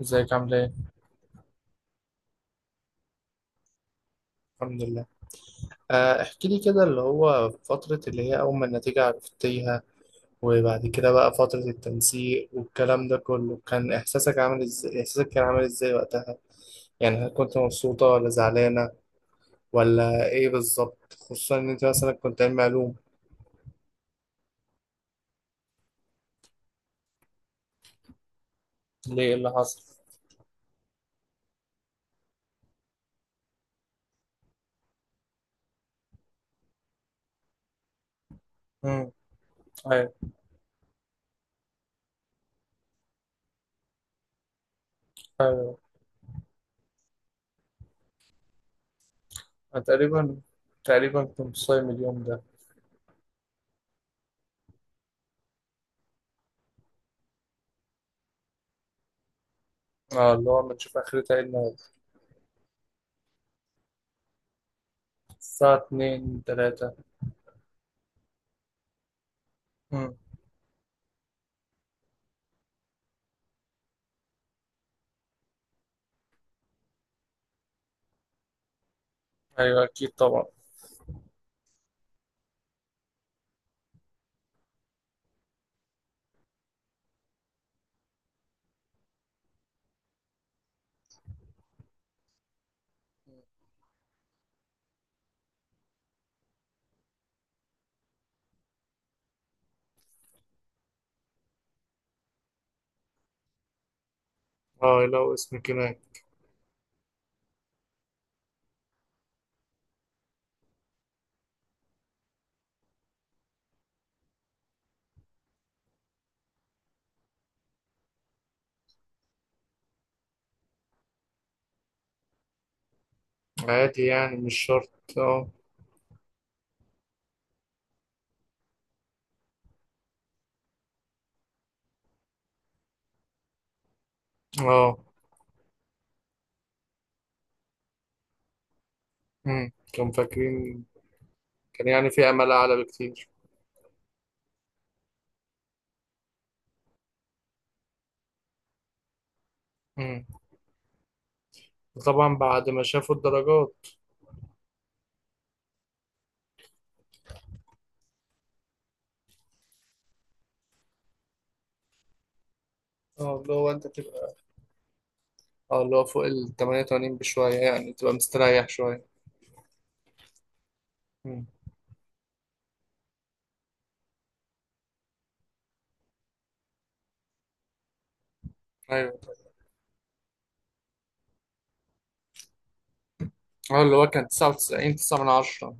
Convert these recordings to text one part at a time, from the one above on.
ازيك عاملة ايه؟ الحمد لله. احكي لي كده اللي هو فترة اللي هي أول ما النتيجة عرفتيها، وبعد كده بقى فترة التنسيق والكلام ده كله كان إحساسك كان عامل ازاي وقتها؟ يعني هل كنت مبسوطة ولا زعلانة ولا ايه بالظبط؟ خصوصا إن أنت مثلا كنت علمي علوم. ليه إيه اللي حصل؟ امم أيوه، أيوه، أنا تقريبا كنت صايم اليوم ده. اه، اللي هو ما نشوف آخرتها ايه النهاردة. الساعة اتنين تلاتة. امم أيوه أكيد طبعا. اه، لو اسم كمان. عادي يعني مش شرط. اه. اه. كانوا فاكرين، كان يعني في امل اعلى بكتير. امم طبعا بعد ما شافوا الدرجات. اه، اللي هو انت تبقى. اه، اللي هو فوق ال 88 بشوية يعني تبقى مستريح شوية. امم ايوه. اه، اللي هو كان 99 9 من 10.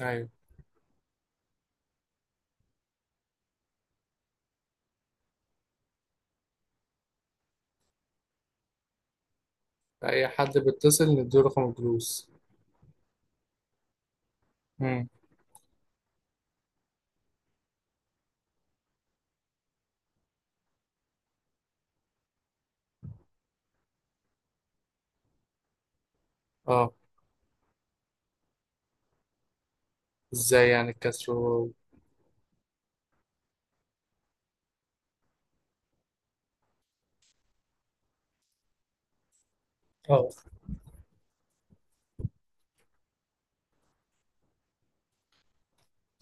ايوه. اي حد بيتصل نديله رقم الجلوس. امم اه. ازاي يعني الكسر و-. اه.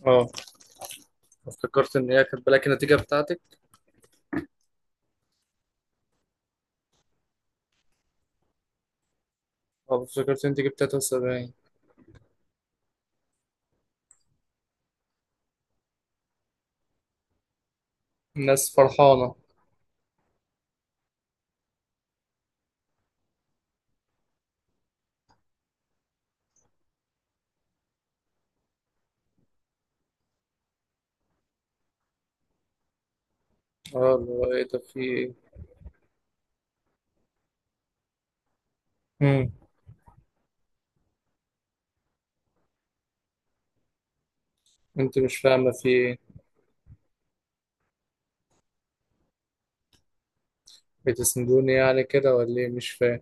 اه، افتكرت ان هي كانت بلاقي النتيجة بتاعتك. اه، افتكرت ان انت جبت 73. الناس فرحانة. اه، اللي هو ايه ده في ايه. مم. انت مش فاهمة في ايه. بتسندوني يعني كده ولا ايه مش فاهم.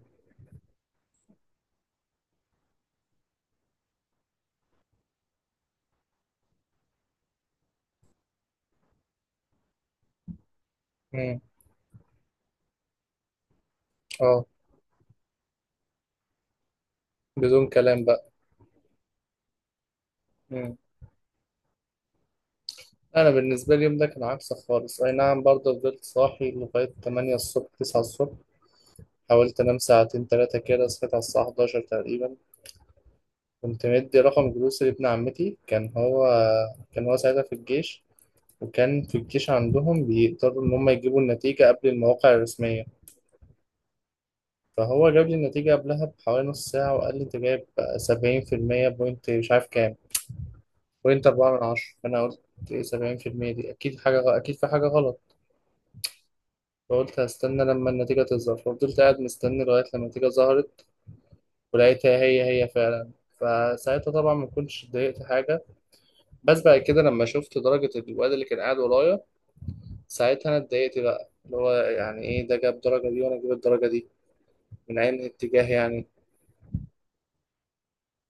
مم. اه، بدون كلام بقى. مم. انا بالنسبة لي اليوم ده كان عكسك خالص، اي نعم برضه فضلت صاحي لغاية 8 الصبح، 9 الصبح. حاولت انام ساعتين تلاتة كده، صحيت على الساعة 11 تقريبا. كنت مدي رقم جلوس لابن عمتي، كان هو ساعتها في الجيش. وكان في الجيش عندهم بيقدروا ان هم يجيبوا النتيجة قبل المواقع الرسمية. فهو جاب لي النتيجة قبلها بحوالي نص ساعة، وقال لي أنت جايب 70% بوينت مش عارف كام، بوينت أربعة من عشرة. فأنا قلت إيه 70% دي؟ أكيد حاجة أكيد في حاجة غلط. فقلت هستنى لما النتيجة تظهر، ففضلت قاعد مستني لغاية لما النتيجة ظهرت. ولقيتها هي هي فعلا. فساعتها طبعا ما كنتش اتضايقت حاجة. بس بعد كده لما شفت درجة الواد اللي كان قاعد ورايا، ساعتها أنا اتضايقت بقى. اللي هو يعني إيه ده جاب الدرجة دي وأنا أجيب الدرجة دي؟ من عين اتجاه يعني.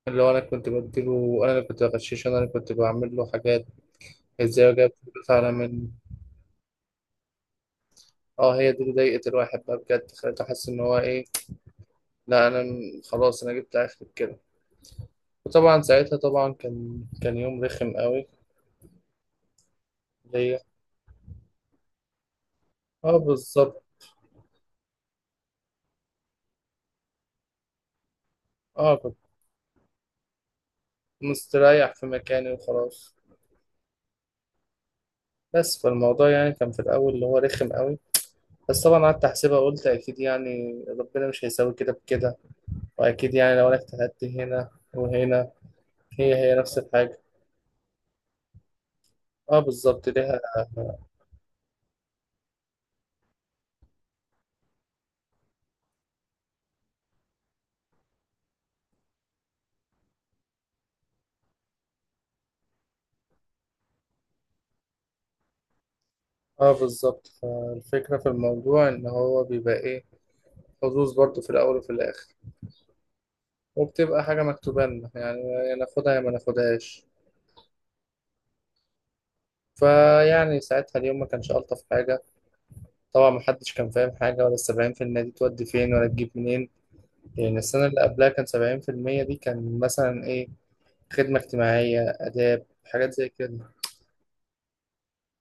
اللي هو انا كنت بديله، انا اللي كنت بغششه، انا اللي كنت بعمل له حاجات. ازاي وجاب فلوس على من؟ اه، هي دي اللي ضايقت الواحد بقى بجد، خليته حس ان هو ايه. لا انا خلاص، انا جبت اخر كده. وطبعا ساعتها طبعا كان يوم رخم قوي. ليا. اه بالظبط. اه كنت مستريح في مكاني وخلاص. بس فالموضوع يعني كان في الاول اللي هو رخم قوي. بس طبعا قعدت احسبها، قلت اكيد يعني ربنا مش هيساوي كده بكده، واكيد يعني لو انا اجتهدت هنا وهنا. هي هي نفس الحاجه. اه بالظبط ليها. اه بالظبط، فالفكرة في الموضوع ان هو بيبقى ايه، حظوظ برضو في الاول وفي الاخر. وبتبقى حاجة مكتوبة لنا يعني، يا ناخدها يا ما ناخدهاش. فيعني ساعتها اليوم ما كانش ألطف حاجة. طبعا محدش كان فاهم حاجة، ولا السبعين في المية دي تودي فين ولا تجيب منين. يعني السنة اللي قبلها كان 70% دي كان مثلا ايه، خدمة اجتماعية، آداب، حاجات زي كده.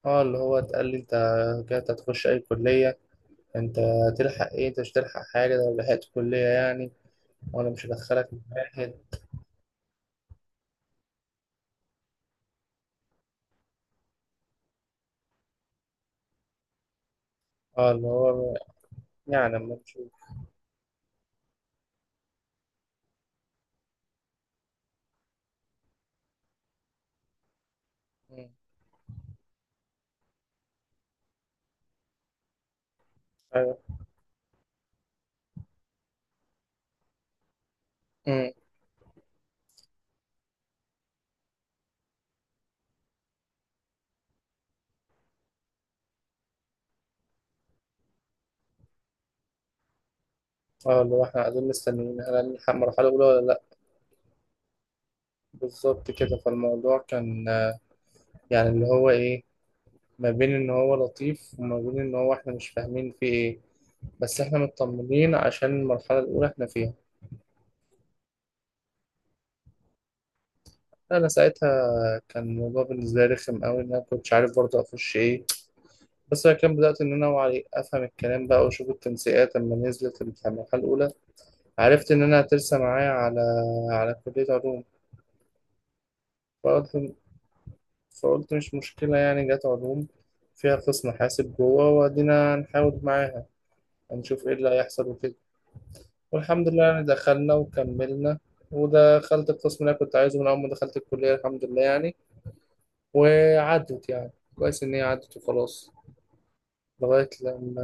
اه اللي هو اتقال لي انت كده هتخش اي كلية، انت هتلحق ايه، انت مش هتلحق حاجة، ده لو لحقت كلية يعني. وانا مش هدخلك معايا هنا. اه اللي هو يعني اما نشوف. مم. ايوه. مم. اه اللي هو احنا قاعدين مستنيين هل هنلحق مرحلة أولى ولا لأ. بالظبط كده، فالموضوع كان يعني اللي هو إيه، ما بين إن هو لطيف وما بين إن هو احنا مش فاهمين فيه إيه. بس احنا مطمنين عشان المرحلة الأولى احنا فيها. أنا ساعتها كان الموضوع بالنسبة لي رخم أوي، إن أنا كنتش عارف برضه أخش إيه. بس أنا كان بدأت إن أنا أوعى أفهم الكلام بقى، وأشوف التنسيقات لما نزلت في المرحلة الأولى. عرفت إن أنا هترسى معايا على كلية علوم. فقلت فقلت مش مشكلة يعني، جت علوم فيها قسم حاسب جوه، وأدينا هنحاول معاها، هنشوف إيه اللي هيحصل وكده. والحمد لله يعني دخلنا وكملنا، ودخلت القسم اللي أنا كنت عايزه من أول ما دخلت الكلية الحمد لله يعني. وعدت يعني كويس إن هي عدت وخلاص. لغاية لما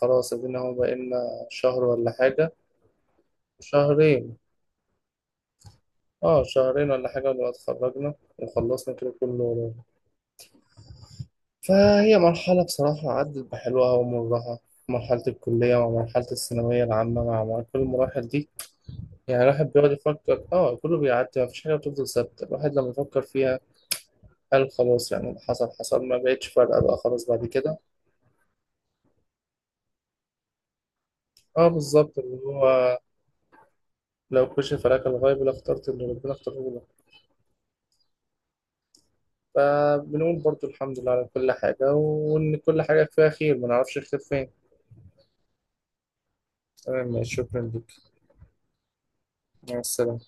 خلاص أدينا هو بقالنا شهر ولا حاجة، شهرين. اه، شهرين ولا حاجة، ولا اتخرجنا وخلصنا كده كله. فهي مرحلة بصراحة عدت بحلوها ومرها، مرحلة الكلية مع مرحلة الثانوية العامة مع كل المراحل دي. يعني الواحد بيقعد يفكر اه كله بيعدي، مفيش حاجة بتفضل ثابتة الواحد لما يفكر فيها. قال خلاص يعني اللي حصل حصل، ما بقتش فارقة بقى خلاص بعد كده. اه بالظبط، اللي هو لو كشف لك الغيب لاخترت اللي ربنا اختاره لك. فبنقول برضو الحمد لله على كل حاجة، وإن كل حاجة فيها خير ما نعرفش الخير فين. تمام ماشي، شكرا لك. مع السلامة.